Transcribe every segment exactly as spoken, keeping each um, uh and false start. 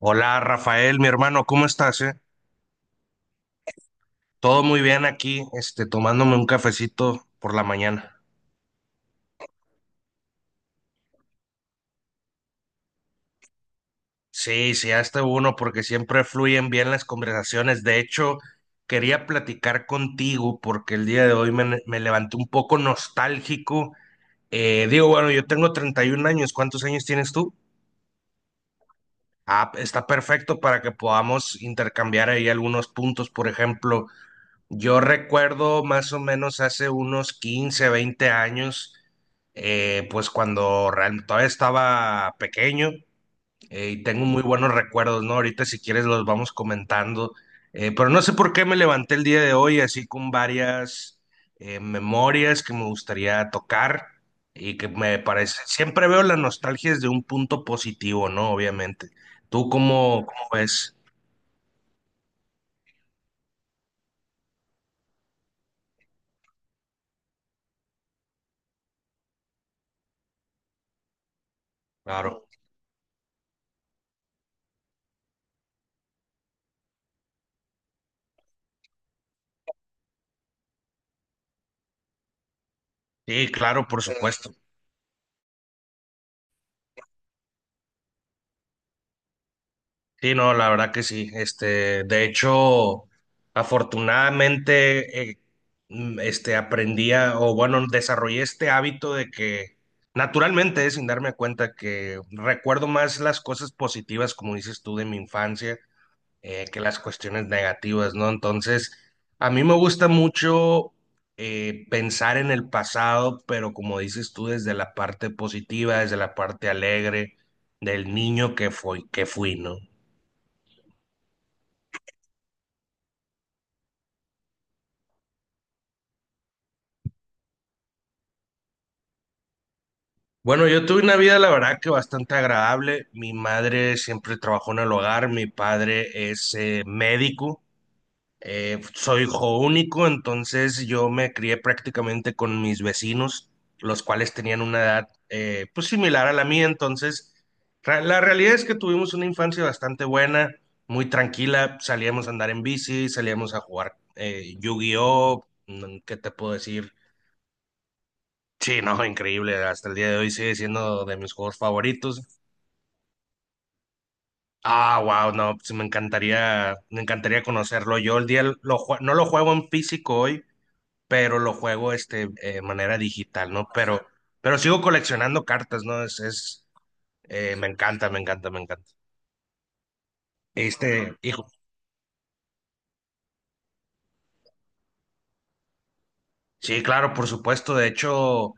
Hola Rafael, mi hermano, ¿cómo estás, eh? Todo muy bien aquí, este, tomándome un cafecito por la mañana. Sí, sí, hasta uno, porque siempre fluyen bien las conversaciones. De hecho, quería platicar contigo porque el día de hoy me, me levanté un poco nostálgico. Eh, digo, bueno, yo tengo treinta y uno años, ¿cuántos años tienes tú? Ah, está perfecto para que podamos intercambiar ahí algunos puntos, por ejemplo. Yo recuerdo más o menos hace unos quince, veinte años, eh, pues cuando real- todavía estaba pequeño, eh, y tengo muy buenos recuerdos, ¿no? Ahorita si quieres los vamos comentando. Eh, pero no sé por qué me levanté el día de hoy así con varias eh, memorias que me gustaría tocar y que me parece, siempre veo la nostalgia desde un punto positivo, ¿no? Obviamente. ¿Tú cómo, cómo ves? Claro. Sí, claro, por supuesto. Sí, no, la verdad que sí. Este, de hecho, afortunadamente, eh, mm, este, aprendí a- o bueno, desarrollé este hábito de que naturalmente, eh, sin darme cuenta, que recuerdo más las cosas positivas, como dices tú, de mi infancia, eh, que las cuestiones negativas, ¿no? Entonces, a mí me gusta mucho eh, pensar en el pasado, pero como dices tú, desde la parte positiva, desde la parte alegre del niño que fui, que fui, ¿no? Bueno, yo tuve una vida, la verdad, que bastante agradable. Mi madre siempre trabajó en el hogar, mi padre es eh, médico. Eh, soy hijo único, entonces yo me crié prácticamente con mis vecinos, los cuales tenían una edad, eh, pues similar a la mía, entonces ra- la realidad es que tuvimos una infancia bastante buena, muy tranquila, salíamos a andar en bici, salíamos a jugar, eh, Yu-Gi-Oh. Mm, ¿qué te puedo decir? Sí, no, increíble. Hasta el día de hoy sigue siendo de mis juegos favoritos. Ah, wow, no, pues me encantaría, me encantaría conocerlo. Yo el día lo jue- no lo juego en físico hoy, pero lo juego este, eh, manera digital, ¿no? Pero, pero sigo coleccionando cartas, ¿no? Es, es eh, me encanta, me encanta, me encanta. Este, hijo, sí, claro, por supuesto. De hecho,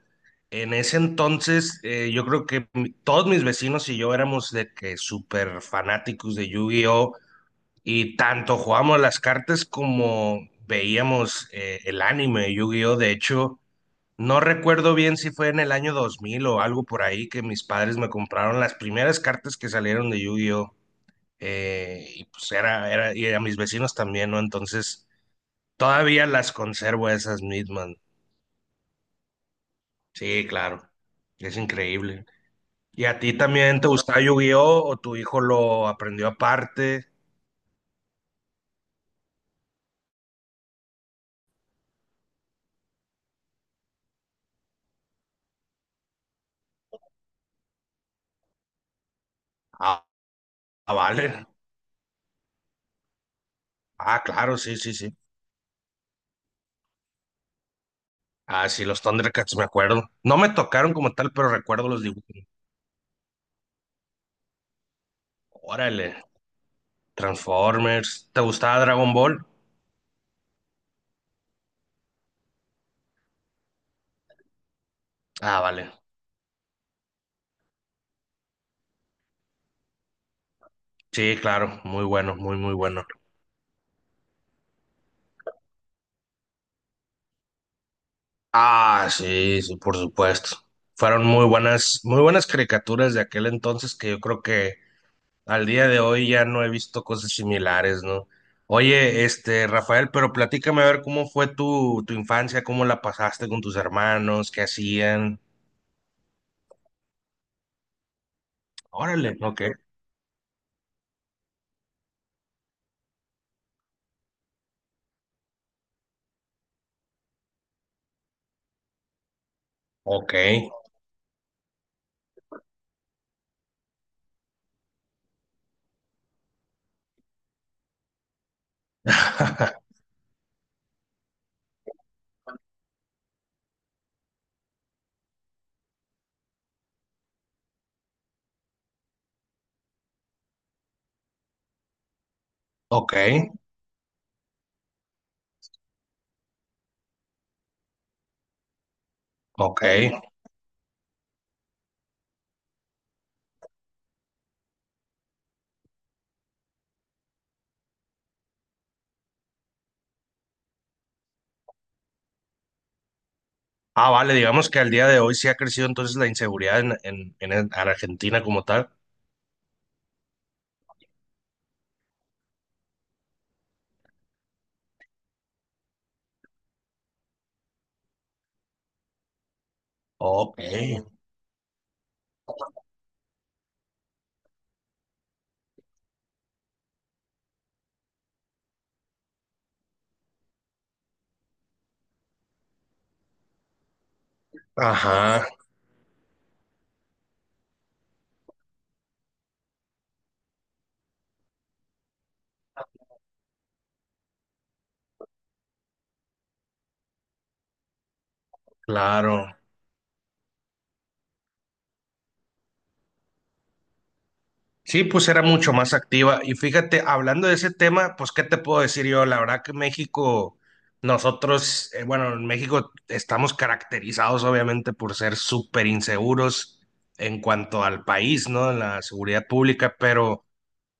en ese entonces, eh, yo creo que mi- todos mis vecinos y yo éramos de que súper fanáticos de Yu-Gi-Oh! Y tanto jugábamos las cartas como veíamos, eh, el anime de Yu-Gi-Oh! De hecho, no recuerdo bien si fue en el año dos mil o algo por ahí que mis padres me compraron las primeras cartas que salieron de Yu-Gi-Oh! Eh, y pues era, era, y a mis vecinos también, ¿no? Entonces, todavía las conservo esas mismas. Sí, claro, es increíble. ¿Y a ti también te gustaba Yu-Gi-Oh! O tu hijo lo aprendió aparte? Ah, ah, vale. Ah, claro, sí, sí, sí. Ah, sí, los Thundercats, me acuerdo. No me tocaron como tal, pero recuerdo los dibujos. Órale, Transformers. ¿Te gustaba Dragon Ball? Ah, vale. Sí, claro, muy bueno, muy, muy bueno. Ah, sí, sí, por supuesto. Fueron muy buenas, muy buenas caricaturas de aquel entonces que yo creo que al día de hoy ya no he visto cosas similares, ¿no? Oye, este, Rafael, pero platícame a ver cómo fue tu, tu infancia, cómo la pasaste con tus hermanos, qué hacían. Órale, ok, ok. Ok, ok. Ah, vale, digamos que al día de hoy sí ha crecido entonces la inseguridad en, en, en el- en Argentina como tal. Ok, ajá, claro. Sí, pues era mucho más activa. Y fíjate, hablando de ese tema, pues, ¿qué te puedo decir yo? La verdad que México, nosotros, eh, bueno, en México estamos caracterizados obviamente por ser súper inseguros en cuanto al país, ¿no? En la seguridad pública, pero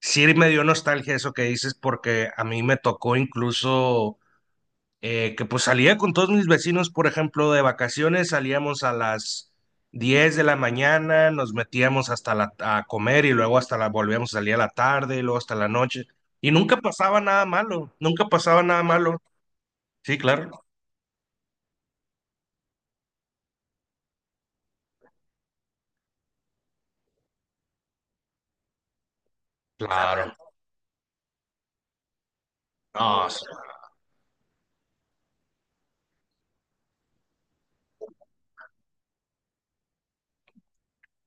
sí me dio nostalgia eso que dices porque a mí me tocó incluso, eh, que pues salía con todos mis vecinos, por ejemplo, de vacaciones, salíamos a las diez de la mañana, nos metíamos hasta la, a comer y luego hasta la volvíamos a salir a la tarde y luego hasta la noche. Y nunca pasaba nada malo, nunca pasaba nada malo. Sí, claro. Claro. No,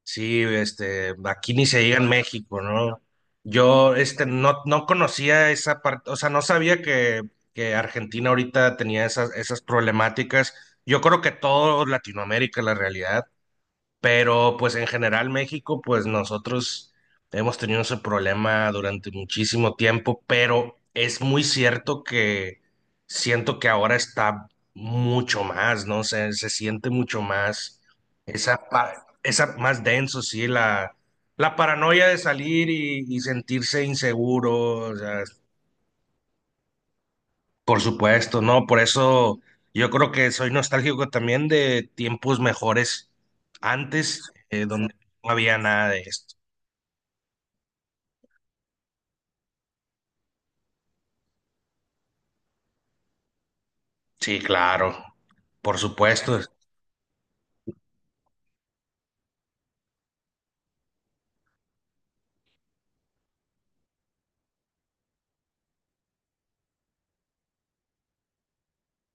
sí, este, aquí ni se diga en México, ¿no? Yo, este, no, no conocía esa parte, o sea, no sabía que, que Argentina ahorita tenía esas, esas problemáticas. Yo creo que todo Latinoamérica, la realidad, pero pues en general México, pues nosotros hemos tenido ese problema durante muchísimo tiempo, pero es muy cierto que siento que ahora está mucho más, ¿no? Se, se siente mucho más esa, pa- esa más denso, sí, la, la paranoia de salir y, y sentirse inseguro, o sea, por supuesto, no, por eso yo creo que soy nostálgico también de tiempos mejores antes, eh, donde no había nada de esto. Sí, claro, por supuesto,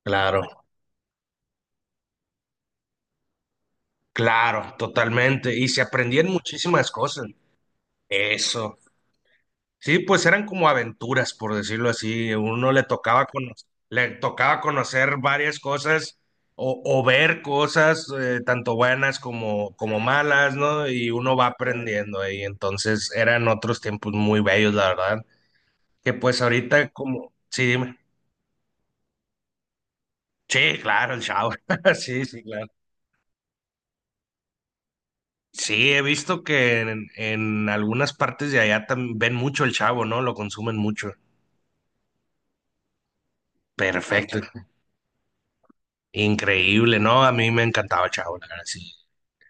claro, claro, totalmente. Y se aprendían muchísimas cosas. Eso. Sí, pues eran como aventuras, por decirlo así. Uno le tocaba cono- le tocaba conocer varias cosas o, o ver cosas, eh, tanto buenas como, como malas, ¿no? Y uno va aprendiendo ahí. Entonces eran otros tiempos muy bellos, la verdad. Que pues ahorita como, sí, dime. Sí, claro, el shower. Sí, sí, claro. Sí, he visto que en, en algunas partes de allá también ven mucho el chavo, ¿no? Lo consumen mucho. Perfecto. Increíble, ¿no? A mí me encantaba Chavo, la verdad, sí.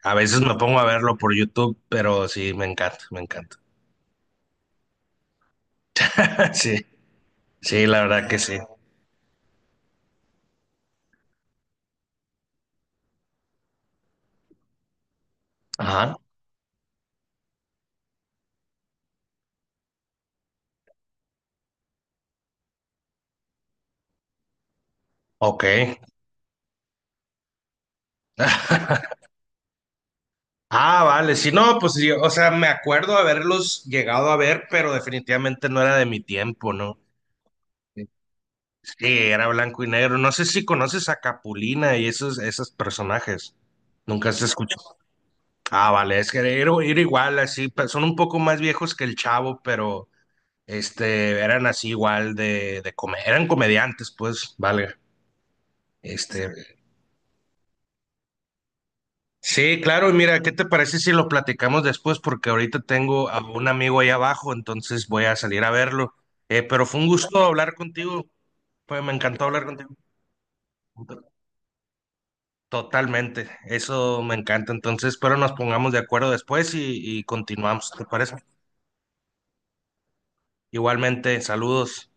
A veces me pongo a verlo por YouTube, pero sí, me encanta, me encanta. Sí, sí, la verdad que sí. Ajá, ok. Ah, vale, sí, no, pues yo, o sea, me acuerdo haberlos llegado a ver, pero definitivamente no era de mi tiempo, ¿no? Sí, era blanco y negro. No sé si conoces a Capulina y esos, esos personajes. Nunca se escuchado. Ah, vale, es que era, era igual, así, pe- son un poco más viejos que el Chavo, pero este, eran así igual de, de come- eran comediantes, pues, valga. Este, sí, claro, y mira, ¿qué te parece si lo platicamos después? Porque ahorita tengo a un amigo ahí abajo, entonces voy a salir a verlo. Eh, pero fue un gusto hablar contigo, pues me encantó hablar contigo. Totalmente, eso me encanta. Entonces, espero nos pongamos de acuerdo después y, y continuamos, ¿te parece? Igualmente, saludos.